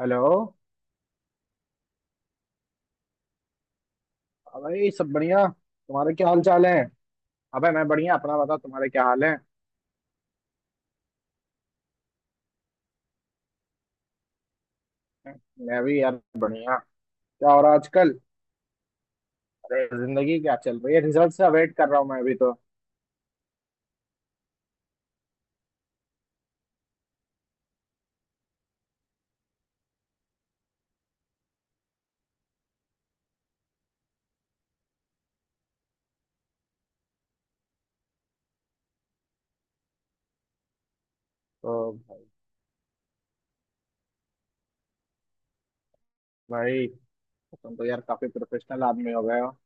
Hello. हाँ भाई, सब बढ़िया। तुम्हारे क्या हाल चाल है? अबे मैं बढ़िया। अपना बता, तुम्हारे क्या हाल है? मैं भी यार, बढ़िया। क्या हो रहा है आजकल? अरे जिंदगी क्या चल रही है, रिजल्ट से अवेट कर रहा हूँ मैं अभी तो। तो भाई, तुम तो यार काफी प्रोफेशनल आदमी हो गए हो।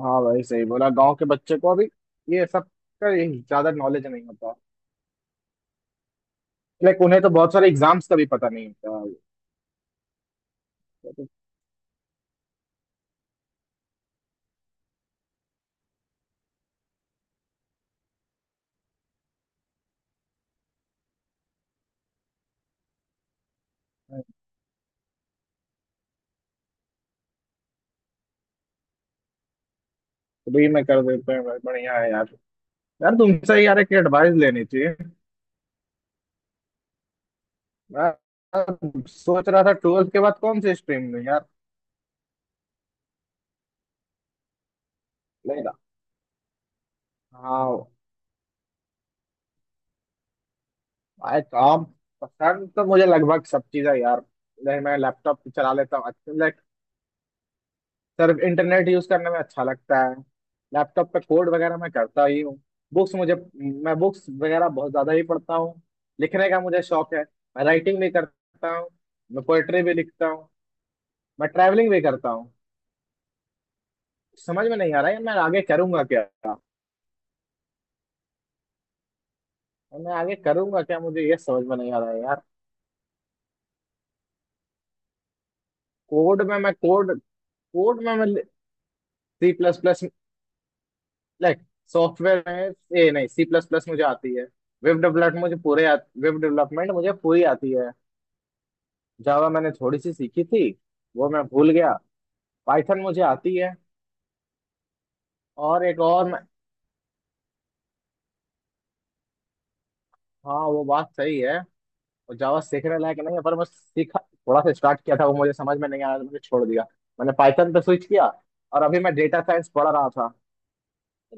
हाँ भाई, सही बोला। गांव के बच्चे को अभी ये सब का ये ज्यादा नॉलेज नहीं होता। लाइक उन्हें तो बहुत सारे एग्जाम्स का भी पता नहीं होता। तो, तो, तो भी मैं कर देते हैं भाई, बढ़िया है यार। यार तुमसे यार एक एडवाइस लेनी थी। मैं मैं सोच रहा था ट्वेल्थ के बाद कौन से स्ट्रीम में यार। लेगा। हाँ। आई काम। पसंद तो मुझे लगभग सब चीज़ है यार। नहीं, मैं लैपटॉप पे चला लेता हूँ अच्छा, लाइक सिर्फ इंटरनेट यूज करने में अच्छा लगता है। लैपटॉप पे कोड वगैरह मैं करता ही हूँ। बुक्स मुझे मैं बुक्स वगैरह बहुत ज्यादा ही पढ़ता हूँ। लिखने का मुझे शौक है। मैं राइटिंग भी करता हूँ। मैं पोएट्री भी लिखता हूँ। मैं ट्रैवलिंग भी करता हूँ। समझ में नहीं आ रहा है मैं आगे करूंगा क्या। मैं आगे करूंगा क्या, मुझे ये समझ में नहीं आ रहा है यार। कोड में मैं कोड कोड में मैं C plus plus, like software में ए, नहीं, सी प्लस प्लस मुझे आती है। वेब डेवलपमेंट मुझे पूरी आती है। जावा मैंने थोड़ी सी सीखी थी, वो मैं भूल गया। पाइथन मुझे आती है। और एक और मैं। हाँ, वो बात सही है। और जावा सीखने लायक नहीं है पर मैं सीखा, थोड़ा सा स्टार्ट किया था। वो मुझे समझ में नहीं आया तो मैंने छोड़ दिया। मैंने पाइथन पे स्विच किया। और अभी मैं डेटा साइंस पढ़ रहा था।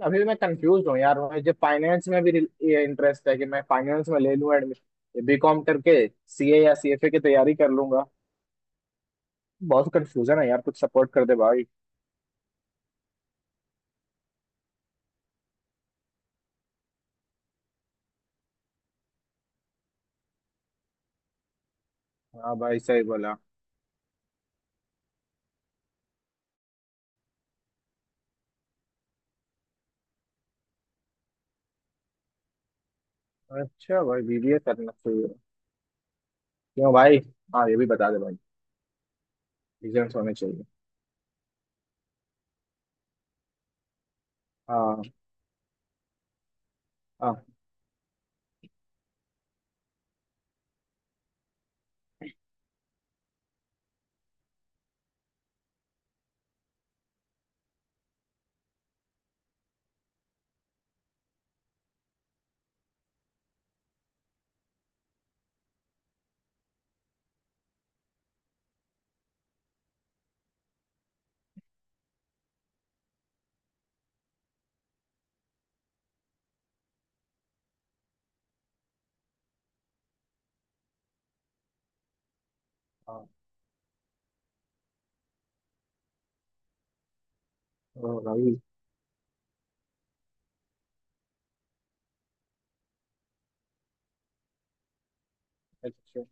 अभी मैं कंफ्यूज हूँ यार, मुझे फाइनेंस में भी ये इंटरेस्ट है कि मैं फाइनेंस में ले लूँ एडमिशन, बीकॉम करके सीए या सीएफए की तैयारी कर लूंगा। बहुत कंफ्यूजन है यार, कुछ सपोर्ट कर दे भाई। हाँ भाई, सही बोला। अच्छा भाई, बीबीए करना चाहिए? क्यों भाई? हाँ, ये भी बता दे भाई। रीजन होने चाहिए। हाँ, हाँ, हाँ। ओ भाई। अच्छा।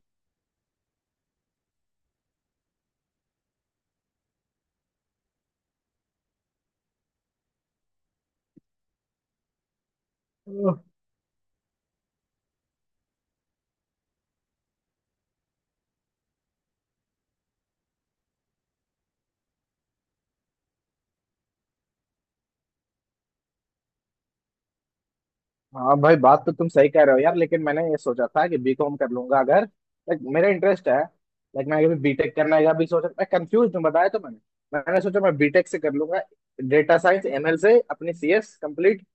हाँ भाई, बात तो तुम सही कह रहे हो यार, लेकिन मैंने ये सोचा था कि बीकॉम कर लूंगा अगर लाइक मेरा इंटरेस्ट है। लाइक मैंने कभी बीटेक करने का भी सोचा। मैं कंफ्यूज हूँ, बताया तो मैंने। मैंने सोचा मैं बीटेक से कर लूंगा, डेटा साइंस एमएल से अपनी सीएस कंप्लीट।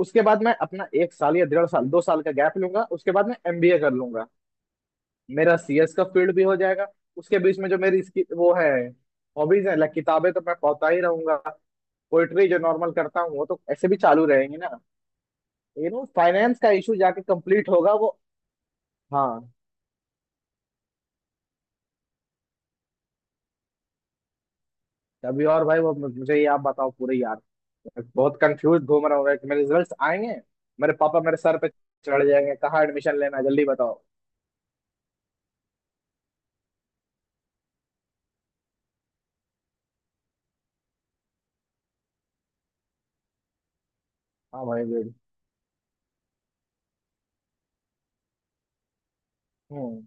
उसके बाद मैं अपना एक साल या डेढ़ साल, 2 साल का गैप लूंगा, उसके बाद मैं एमबीए कर लूंगा। मेरा सीएस का फील्ड भी हो जाएगा। उसके बीच में जो मेरी इसकी वो है, हॉबीज है, लाइक किताबें तो मैं पढ़ता ही रहूंगा। पोइट्री जो नॉर्मल करता हूँ वो तो ऐसे भी चालू रहेंगी ना। फाइनेंस का इशू जाके कंप्लीट होगा वो। हाँ। अभी और भाई वो मुझे ये आप बताओ पूरे यार। बहुत कंफ्यूज घूम रहा हूँ मैं कि मेरे रिजल्ट्स आएंगे, मेरे पापा मेरे सर पे चढ़ जाएंगे, कहाँ एडमिशन लेना है जल्दी बताओ। हाँ भाई, बिल्कुल। हम्म।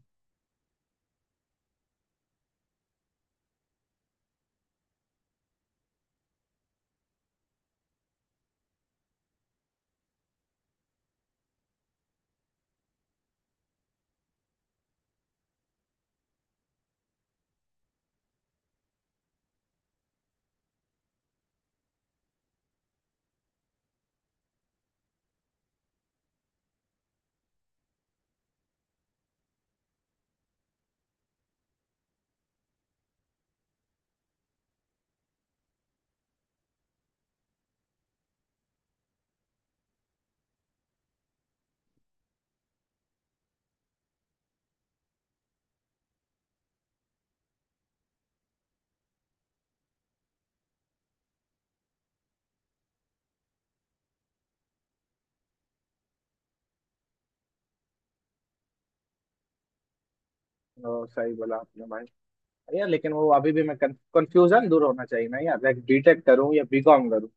ओ, सही बोला आपने भाई। अरे यार, लेकिन वो अभी भी मैं कंफ्यूजन दूर होना चाहिए ना यार, लाइक बीटेक करूँ या बीकॉम करूँ?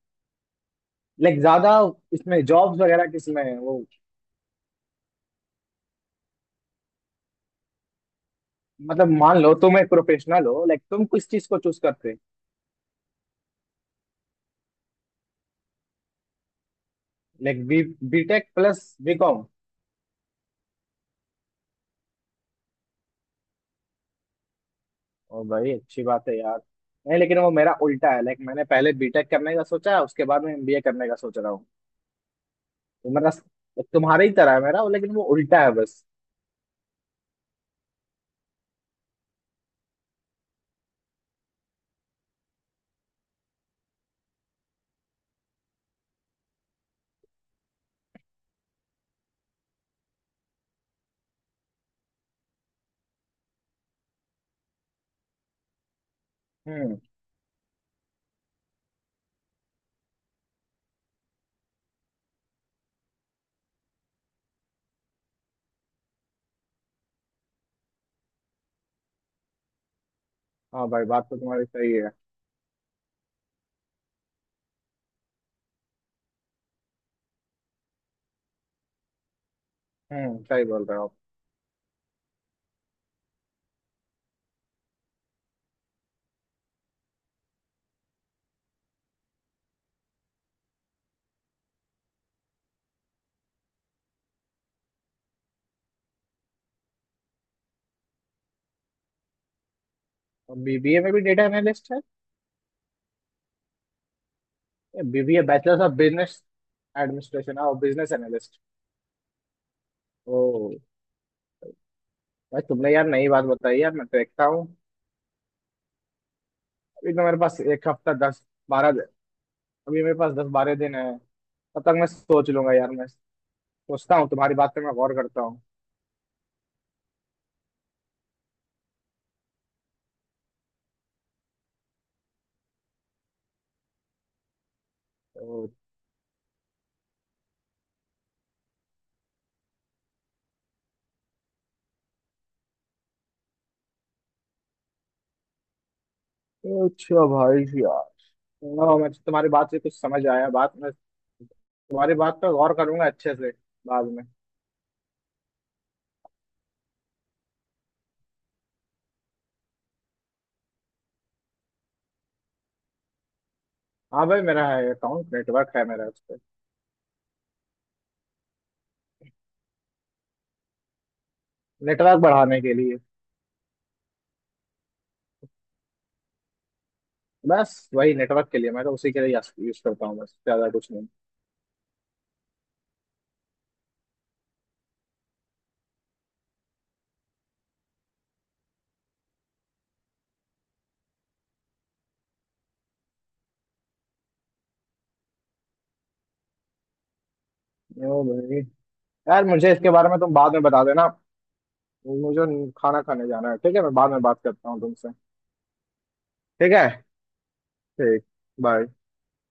लाइक ज्यादा इसमें जॉब्स वगैरह किसमें है? वो मतलब मान लो तुम एक प्रोफेशनल हो, लाइक तुम किस चीज को चूज करते? Like B BTech plus BCom. और भाई, अच्छी बात है यार। नहीं, लेकिन वो मेरा उल्टा है, लाइक मैंने पहले बीटेक करने का सोचा उसके बाद में एमबीए करने का सोच रहा हूँ। तो मेरा तुम्हारे ही तरह है मेरा, लेकिन वो उल्टा है बस। हम्म। हाँ भाई, बात तो तुम्हारी सही है। हम्म, सही बोल रहे हो। और बीबीए में भी डेटा एनालिस्ट है? BBA, bachelors of business administration और बिजनेस एनालिस्ट। ओ भाई, तुमने यार नई बात बताई यार, मैं तो देखता हूँ। अभी तो मेरे पास एक हफ्ता, 10-12 दिन। अभी मेरे पास 10-12 दिन है। तब तक मैं सोच लूंगा यार, मैं सोचता हूँ, तुम्हारी बात पे मैं गौर करता हूँ। ओके। अच्छा भाई यार। हाँ, मैं तो तुम्हारी बात से कुछ समझ आया, बात मैं तुम्हारी बात पर गौर करूंगा अच्छे से बाद में। हाँ भाई, मेरा है अकाउंट, नेटवर्क है मेरा उस पर। नेटवर्क बढ़ाने के लिए। बस वही नेटवर्क के लिए मैं तो उसी के लिए यूज करता हूँ, बस ज्यादा कुछ नहीं। ओ भाई, यार मुझे इसके बारे में तुम बाद में बता देना। मुझे खाना खाने जाना है, ठीक है मैं बाद में बात करता हूँ तुमसे। ठीक है। ठीक। बाय।